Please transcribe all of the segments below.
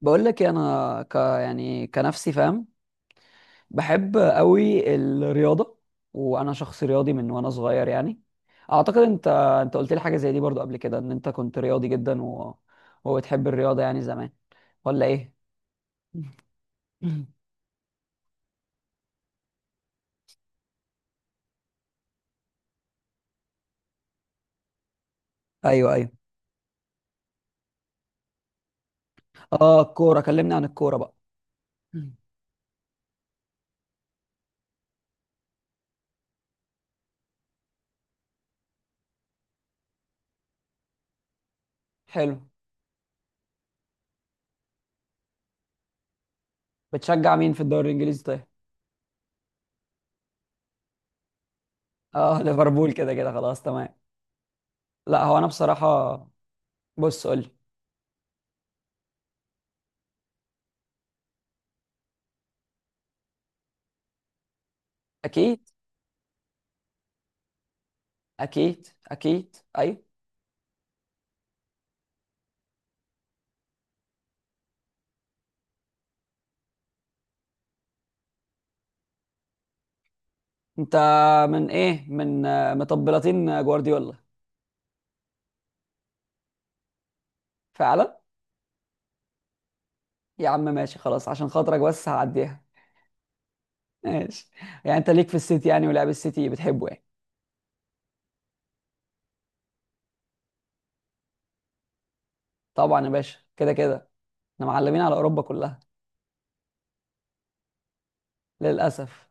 بقول لك إيه، انا يعني كنفسي فاهم. بحب قوي الرياضه، وانا شخص رياضي من وانا صغير يعني. اعتقد انت قلت لي حاجه زي دي برضو قبل كده ان انت كنت رياضي جدا وبتحب الرياضه يعني زمان، ولا ايه؟ ايوه ايوه. اه الكوره، كلمني عن الكوره بقى. مم. حلو. بتشجع مين في الدوري الانجليزي طيب؟ اه ليفربول كده كده خلاص، تمام. لا هو انا بصراحه. بص قول لي. اكيد اكيد اكيد، ايوه. انت من مطبلاتين جوارديولا؟ فعلا. يا عم ماشي خلاص، عشان خاطرك بس هعديها. ماشي. يعني انت ليك في السيتي يعني، ولعب السيتي بتحبه يعني. طبعا يا باشا، كده كده. احنا معلمين على اوروبا كلها. للاسف.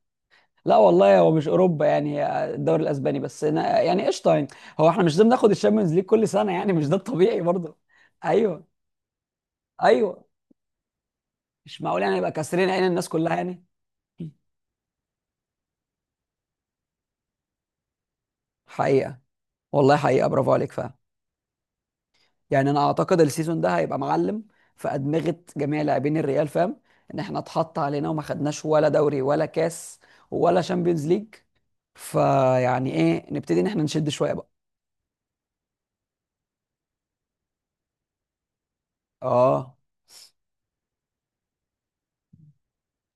لا والله هو مش اوروبا، يعني هي الدوري الاسباني بس، أنا يعني قشطه يعني. هو احنا مش لازم ناخد الشامبيونز ليج كل سنه يعني، مش ده الطبيعي برضه. ايوه ايوه. مش معقول يعني نبقى كاسرين عين الناس كلها يعني. حقيقه، والله حقيقه، برافو عليك فعلا. يعني انا اعتقد السيزون ده هيبقى معلم في ادمغه جميع لاعبين الريال، فاهم؟ ان احنا اتحط علينا وما خدناش ولا دوري ولا كاس ولا شامبيونز ليج، فيعني ايه، نبتدي ان احنا نشد شويه بقى. اه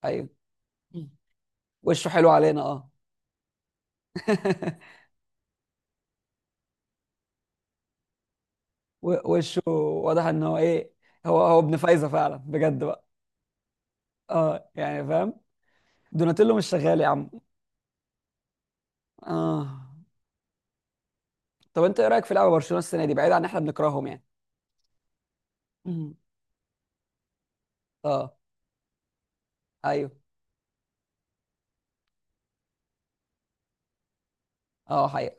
ايوه. وشه حلو علينا اه. وشه واضح ان هو ايه، هو ابن فايزه فعلا بجد بقى. اه يعني فاهم. دوناتيلو مش شغال يا عم. اه. طب انت ايه رايك في لعبه برشلونه السنه دي، بعيد عن ان احنا بنكرههم يعني؟ مم. اه. ايوه. اه حقيقه.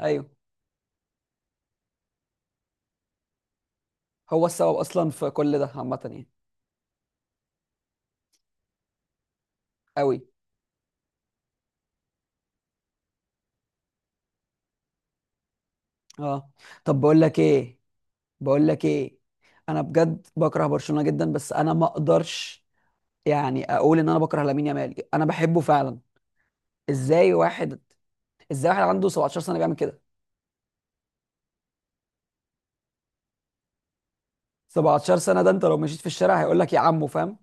ايوه. هو السبب اصلا في كل ده عامه يعني. قوي. اه. طب بقول لك ايه، بقول لك ايه، انا بجد بكره برشلونه جدا، بس انا ما اقدرش يعني اقول ان انا بكره لامين يامال، انا بحبه فعلا. ازاي واحد، ازاي واحد عنده 17 سنه بيعمل كده؟ 17 سنه، ده انت لو مشيت في الشارع هيقول لك يا عمو، فاهم؟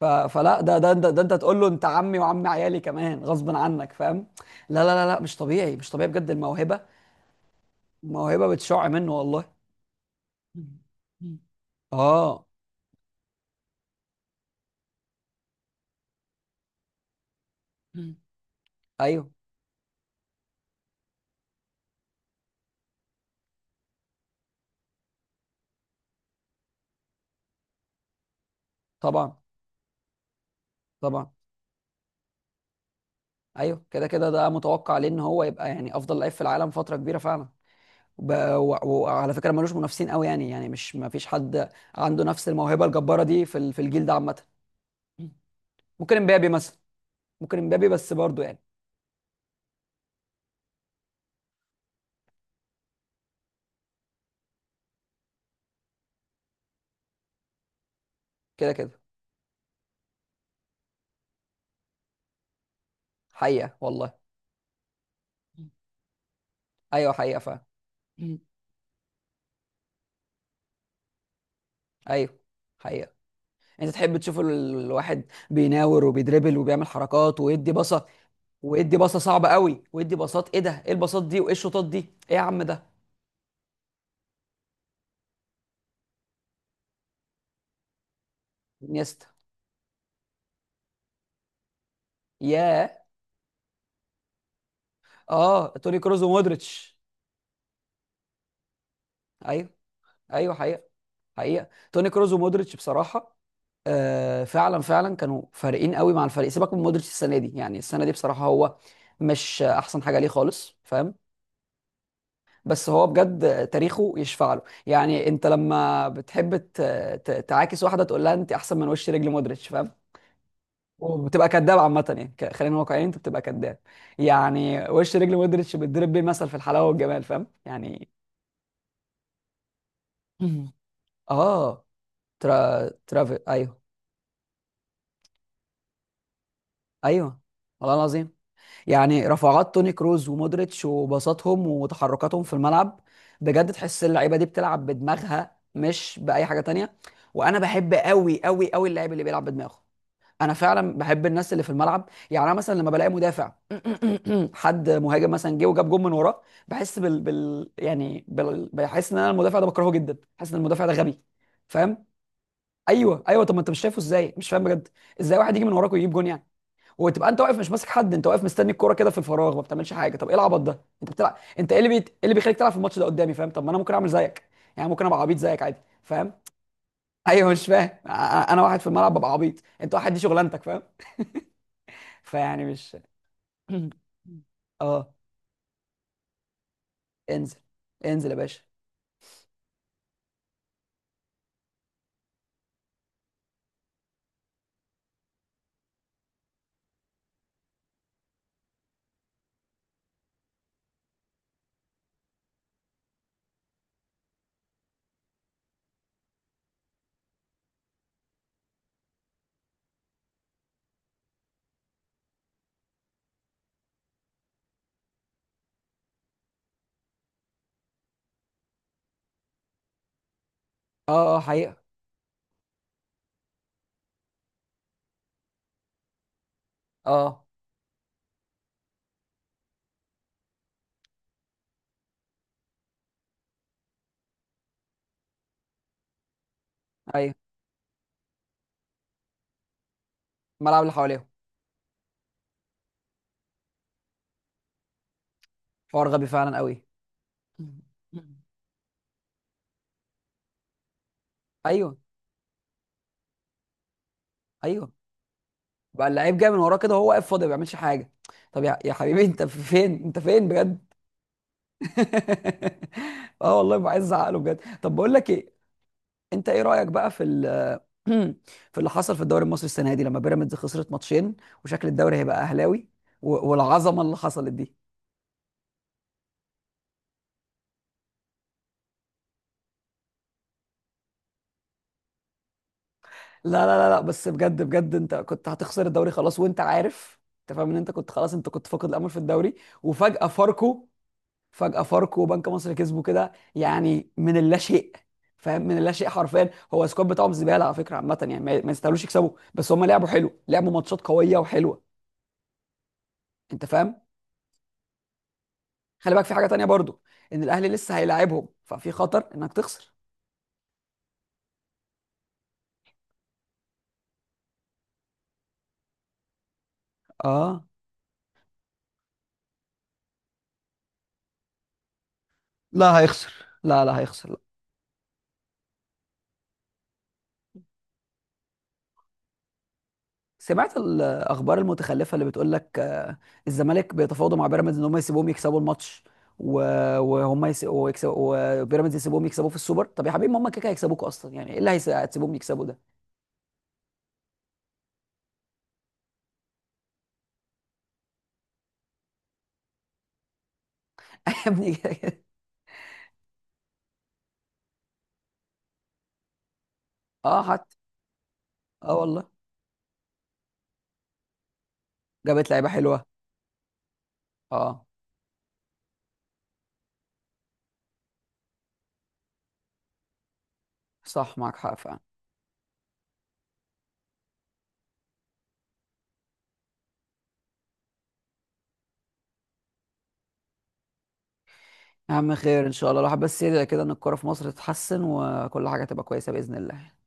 فلا ده انت تقول له انت عمي وعم عيالي كمان غصب عنك، فاهم. لا لا لا لا، مش طبيعي، مش طبيعي بجد الموهبه، الموهبه بتشع منه والله. اه. ايوه. طبعا. طبعا. ايوه كده كده، ده متوقع لان هو يبقى يعني افضل لعيب في العالم فتره كبيره فعلا. وب- وعلى فكره ملوش منافسين قوي يعني، يعني مش ما فيش حد عنده نفس الموهبه الجباره دي في الجيل ده عامه. ممكن امبابي مثلا. ممكن امبابي بس برضه يعني. كده كده. حقيقه والله. ايوه حقيقه فعلا. ايوه حقيقه. انت تحب تشوف الواحد بيناور وبيدربل وبيعمل حركات ويدي بصه، ويدي بصه صعبه قوي، ويدي باصات، ايه ده، ايه الباصات دي وايه الشوطات دي؟ ايه يا عم ده. انيستا. ياه. اه توني كروز ومودريتش. ايوه ايوه حقيقه. حقيقه توني كروز ومودريتش بصراحه. آه فعلا فعلا، كانوا فارقين قوي مع الفريق. سيبك من مودريتش السنه دي، يعني السنه دي بصراحه هو مش احسن حاجه ليه خالص، فاهم؟ بس هو بجد تاريخه يشفع له. يعني انت لما بتحب تعاكس واحده تقول لها انت احسن من وش رجل مودريتش، فاهم؟ وبتبقى كداب عامه، يعني خلينا واقعيين انت بتبقى كداب. يعني وش رجل مودريتش بتضرب بيه مثل في الحلاوه والجمال، فاهم يعني. اه. ترافي ايوه. ايوه، والله العظيم. يعني رفعات توني كروز ومودريتش وبساطهم وتحركاتهم في الملعب، بجد تحس اللعيبه دي بتلعب بدماغها مش باي حاجه تانية. وانا بحب قوي قوي قوي اللاعب اللي بيلعب بدماغه. انا فعلا بحب الناس اللي في الملعب. يعني انا مثلا لما بلاقي مدافع، حد مهاجم مثلا جه وجاب جون من وراه، بحس بال, بال... يعني بال... بحس ان انا المدافع ده بكرهه جدا، بحس ان المدافع ده غبي، فاهم. ايوه ايوه. طب ما انت مش شايفه ازاي؟ مش فاهم بجد. ازاي واحد يجي من وراك ويجيب جون يعني؟ وتبقى انت واقف مش ماسك حد، انت واقف مستني الكوره كده في الفراغ، ما بتعملش حاجه. طب ايه العبط ده، انت بتلعب، انت ايه اللي ايه اللي بيخليك تلعب في الماتش ده قدامي، فاهم؟ طب ما انا ممكن اعمل زيك، يعني ممكن ابقى عبيط زيك عادي، فاهم. ايوه مش فاهم. أنا واحد في الملعب ببقى عبيط، انت واحد دي شغلانتك، فاهم. فيعني مش. اه. انزل. انزل يا باشا. اه اه حقيقه. اه. ايوه الملعب اللي حواليهم. حوار غبي فعلا قوي. ايوه. ايوه. بقى اللعيب جاي من وراه كده، وهو واقف فاضي ما بيعملش حاجه. طب يا حبيبي، انت فين، انت فين بجد؟ اه والله ببقى عايز ازعق له بجد. طب بقول لك ايه، انت ايه رايك بقى في في اللي حصل في الدوري المصري السنه دي لما بيراميدز خسرت ماتشين، وشكل الدوري هيبقى اهلاوي، والعظمه اللي حصلت دي؟ لا لا لا لا، بس بجد بجد انت كنت هتخسر الدوري خلاص، وانت عارف، انت فاهم ان انت كنت خلاص، انت كنت فاقد الامل في الدوري. وفجاه فاركو، فجأة فاركو وبنك مصر كسبوا كده يعني من اللا شيء، فاهم، من اللا شيء حرفيا. هو السكواد بتاعهم زباله على فكره عامه يعني، ما يستاهلوش يكسبوا، بس هم لعبوا حلو، لعبوا ماتشات قويه وحلوه. انت فاهم. خلي بالك في حاجه تانية برضو، ان الاهلي لسه هيلاعبهم، ففي خطر انك تخسر. اه لا هيخسر. لا لا هيخسر. سمعت الاخبار المتخلفه اللي بتقول لك الزمالك بيتفاوضوا مع بيراميدز ان هم يسيبوهم يكسبوا الماتش، وهم ويكسبوا، وبيراميدز يسيبوهم يكسبوكوا في السوبر؟ طب يا حبيبي، ما هم كده كده هيكسبوكوا اصلا، يعني ايه اللي هتسيبوهم يكسبوا ده؟ يا ابني كده كده. اه حتى. اه والله. جابت لعيبه حلوه. اه. صح معاك حق فعلا. يا عم خير ان شاء الله، الواحد بس يدعي كده ان الكوره في مصر تتحسن وكل حاجه تبقى كويسه باذن الله.